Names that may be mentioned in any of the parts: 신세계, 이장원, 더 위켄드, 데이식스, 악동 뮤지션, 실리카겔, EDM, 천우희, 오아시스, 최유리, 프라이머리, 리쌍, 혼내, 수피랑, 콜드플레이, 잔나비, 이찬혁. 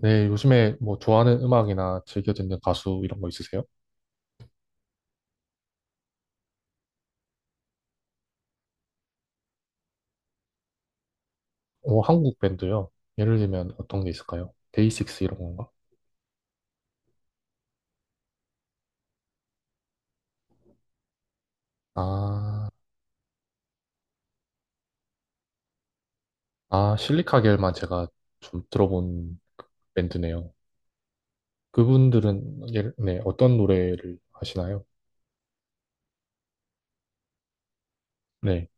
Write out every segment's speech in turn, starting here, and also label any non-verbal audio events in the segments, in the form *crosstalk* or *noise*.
네, 요즘에 뭐 좋아하는 음악이나 즐겨 듣는 가수 이런 거 있으세요? 오, 한국 밴드요. 예를 들면 어떤 게 있을까요? 데이식스 이런 건가? 아, 아, 실리카겔만 제가 좀 들어본 밴드네요. 그분들은 예를, 네, 어떤 노래를 하시나요? 네.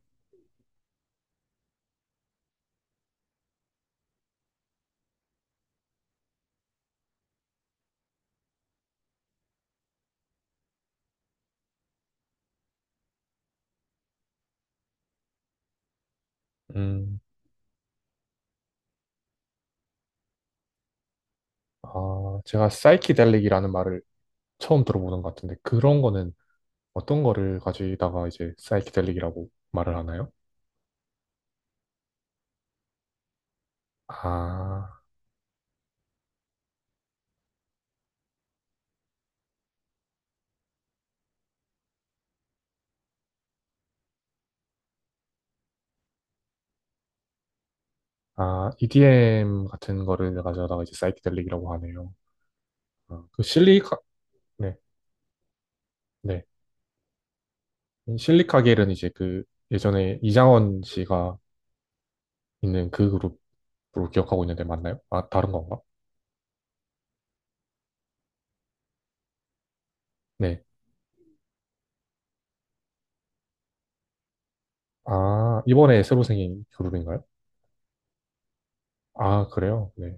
음, 아, 제가 사이키델릭이라는 말을 처음 들어보는 것 같은데 그런 거는 어떤 거를 가지다가 이제 사이키델릭이라고 말을 하나요? 아, 아, EDM 같은 거를 가져다가 이제 사이키델릭이라고 하네요. 아, 그 실리카, 네, 네. 이 실리카겔은 이제 그 예전에 이장원 씨가 있는 그 그룹으로 기억하고 있는데 맞나요? 아, 다른 건가? 네. 아, 이번에 새로 생긴 그룹인가요? 아, 그래요? 네.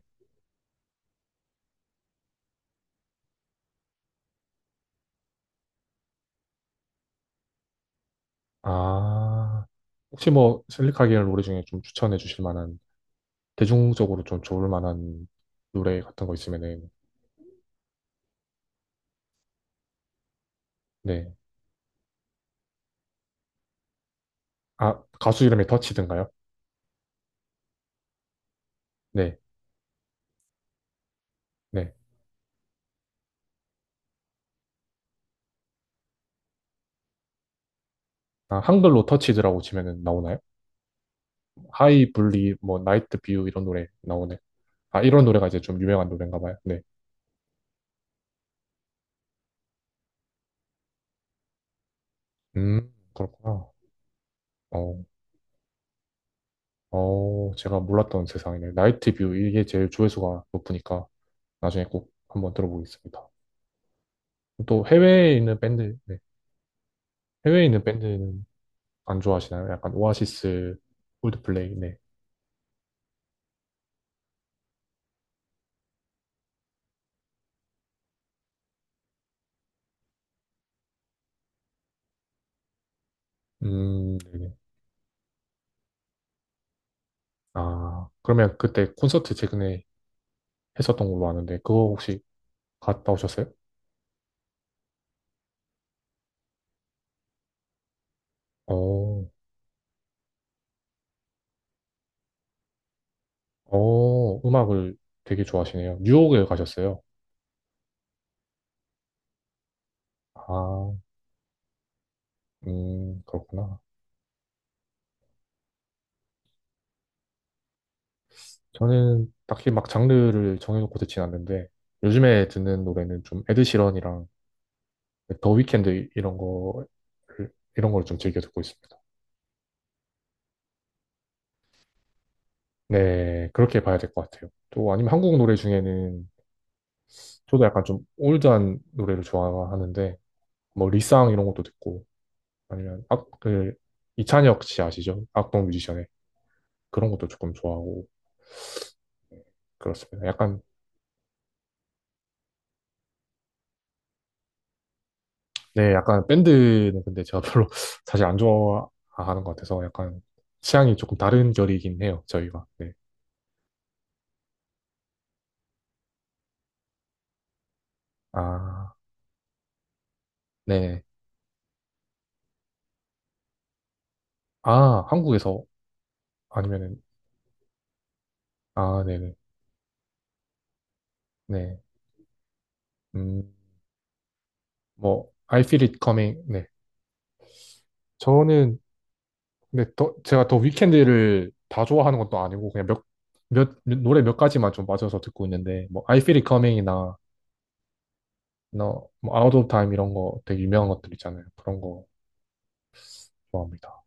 아, 혹시 뭐 실리카겔 노래 중에 좀 추천해 주실 만한, 대중적으로 좀 좋을 만한 노래 같은 거 있으면은, 네. 아, 가수 이름이 더치든가요? 네. 네. 아, 한글로 터치드라고 치면은 나오나요? 하이 블리 뭐 나이트 뷰 이런 노래 나오네. 아, 이런 노래가 이제 좀 유명한 노래인가 봐요. 네. 음, 그렇구나. 어, 어, 제가 몰랐던 세상이네. 나이트 뷰 이게 제일 조회수가 높으니까 나중에 꼭 한번 들어보겠습니다. 또 해외에 있는 밴드, 네. 해외에 있는 밴드는 안 좋아하시나요? 약간 오아시스, 콜드플레이, 네. 네네. 아, 그러면 그때 콘서트 최근에 했었던 걸로 아는데 그거 혹시 갔다 오셨어요? 어. 어, 음악을 되게 좋아하시네요. 뉴욕에 가셨어요. 아, 그렇구나. 저는 딱히 막 장르를 정해놓고 듣진 않는데, 요즘에 듣는 노래는 좀 에드 시런이랑 더 위켄드 이런 거, 이런 걸 좀 즐겨 듣고 있습니다. 네, 그렇게 봐야 될 것 같아요. 또 아니면 한국 노래 중에는 저도 약간 좀 올드한 노래를 좋아하는데, 뭐 리쌍 이런 것도 듣고, 아니면 악, 그, 이찬혁 씨 아시죠? 악동 뮤지션의 그런 것도 조금 좋아하고, 그렇습니다. 약간, 네, 약간 밴드는 근데 제가 별로 *laughs* 사실 안 좋아하는 것 같아서 약간 취향이 조금 다른 결이긴 해요, 저희가. 네. 아, 네. 아, 한국에서 아니면은, 아, 네네. 네. 음, 뭐, I Feel It Coming. 네. 저는, 근데 더, 제가 더 위켄드를 다 좋아하는 것도 아니고 그냥 노래 몇 가지만 좀 빠져서 듣고 있는데, 뭐, I Feel It Coming이나, 너, 뭐, Out of Time 이런 거 되게 유명한 것들 있잖아요. 그런 거 좋아합니다.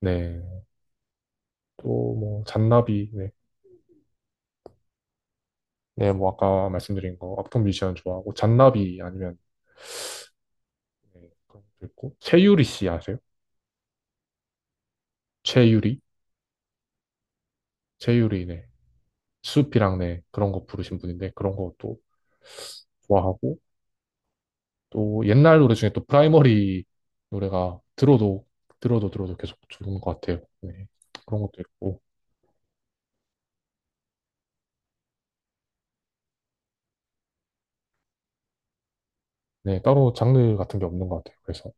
네. 또 뭐 잔나비, 네. 네, 뭐 아까 말씀드린 거 악동 뮤지션 좋아하고 잔나비 아니면 네, 그런 것도 있고 최유리 씨 아세요? 최유리? 최유리, 네. 수피랑 네, 그런 거 부르신 분인데 그런 것도 좋아하고 또 옛날 노래 중에 또 프라이머리 노래가 들어도 들어도 들어도 계속 좋은 것 같아요. 네. 그런 것도 있고 네, 따로 장르 같은 게 없는 것 같아요. 그래서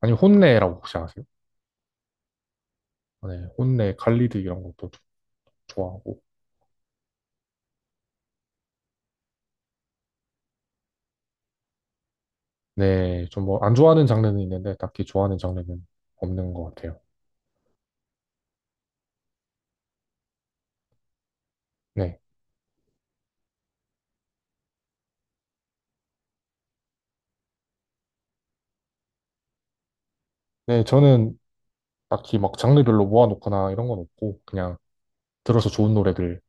아니 혼내라고 혹시 아세요? 네, 혼내 갈리드 이런 것도 좋아하고 네, 좀 뭐 안 좋아하는 장르는 있는데 딱히 좋아하는 장르는 없는 것 같아요. 네. 네, 저는 딱히 막 장르별로 모아놓거나 이런 건 없고 그냥 들어서 좋은 노래들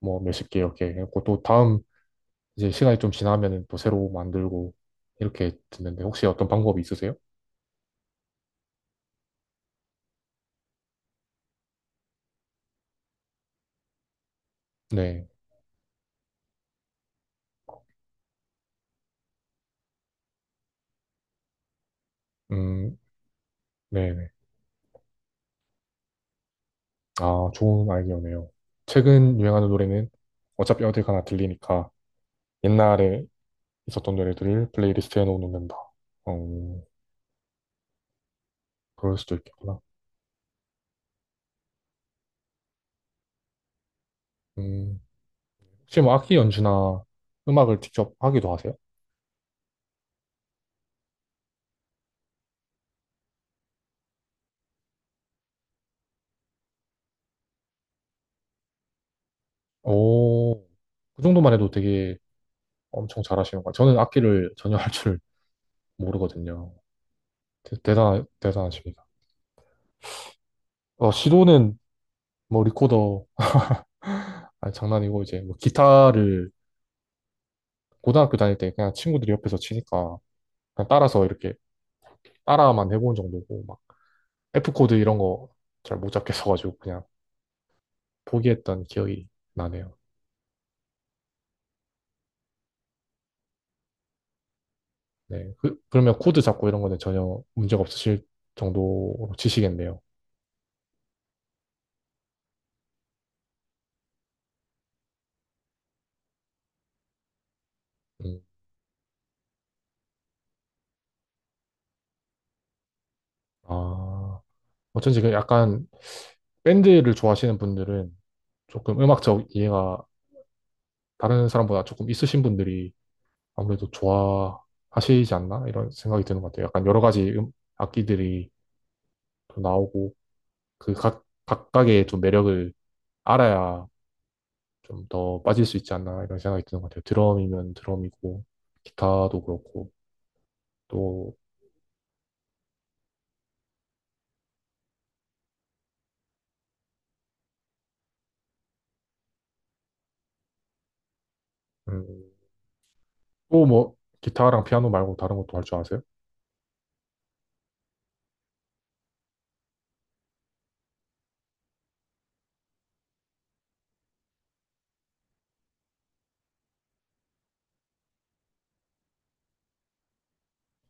뭐 몇십 개 이렇게 해놓고 또 다음 이제 시간이 좀 지나면은 또 새로 만들고 이렇게 듣는데 혹시 어떤 방법이 있으세요? 네. 음, 네, 네. 아, 좋은 아이디어네요. 최근 유행하는 노래는 어차피 어딜 가나 들리니까 옛날에 있었던 노래들을 플레이리스트에 넣어놓는다. 어, 그럴 수도 있겠구나. 음. 혹시 뭐 악기 연주나 음악을 직접 하기도 하세요? 오, 그 정도만 해도 되게 엄청 잘하시는 거예요. 저는 악기를 전혀 할 줄 모르거든요. 대단하십니다. 어, 시도는 뭐 리코더, 아니, 장난이고 이제 뭐 기타를 고등학교 다닐 때 그냥 친구들이 옆에서 치니까 그냥 따라서 이렇게 따라만 해본 정도고 막 F 코드 이런 거 잘 못 잡겠어가지고 그냥 포기했던 기억이 나네요. 네, 그러면 코드 잡고 이런 거는 전혀 문제가 없으실 정도로 치시겠네요. 음, 아, 어쩐지 그 약간 밴드를 좋아하시는 분들은 조금 음악적 이해가 다른 사람보다 조금 있으신 분들이 아무래도 좋아하시지 않나? 이런 생각이 드는 것 같아요. 약간 여러 가지 악기들이 또 나오고 그 각각의 좀 매력을 알아야 좀 더 빠질 수 있지 않나? 이런 생각이 드는 것 같아요. 드럼이면 드럼이고, 기타도 그렇고, 또, 음, 또 뭐, 기타랑 피아노 말고 다른 것도 할 줄 아세요?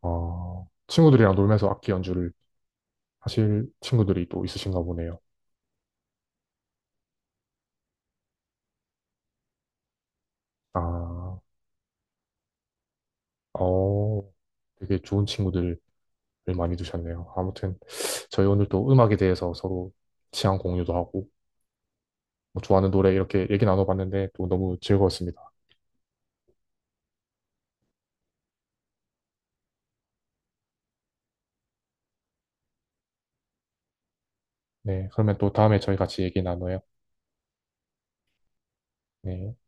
아, 친구들이랑 놀면서 악기 연주를 하실 친구들이 또 있으신가 보네요. 아, 어, 되게 좋은 친구들을 많이 두셨네요. 아무튼 저희 오늘 또 음악에 대해서 서로 취향 공유도 하고 뭐 좋아하는 노래 이렇게 얘기 나눠봤는데 또 너무 즐거웠습니다. 네, 그러면 또 다음에 저희 같이 얘기 나눠요. 네.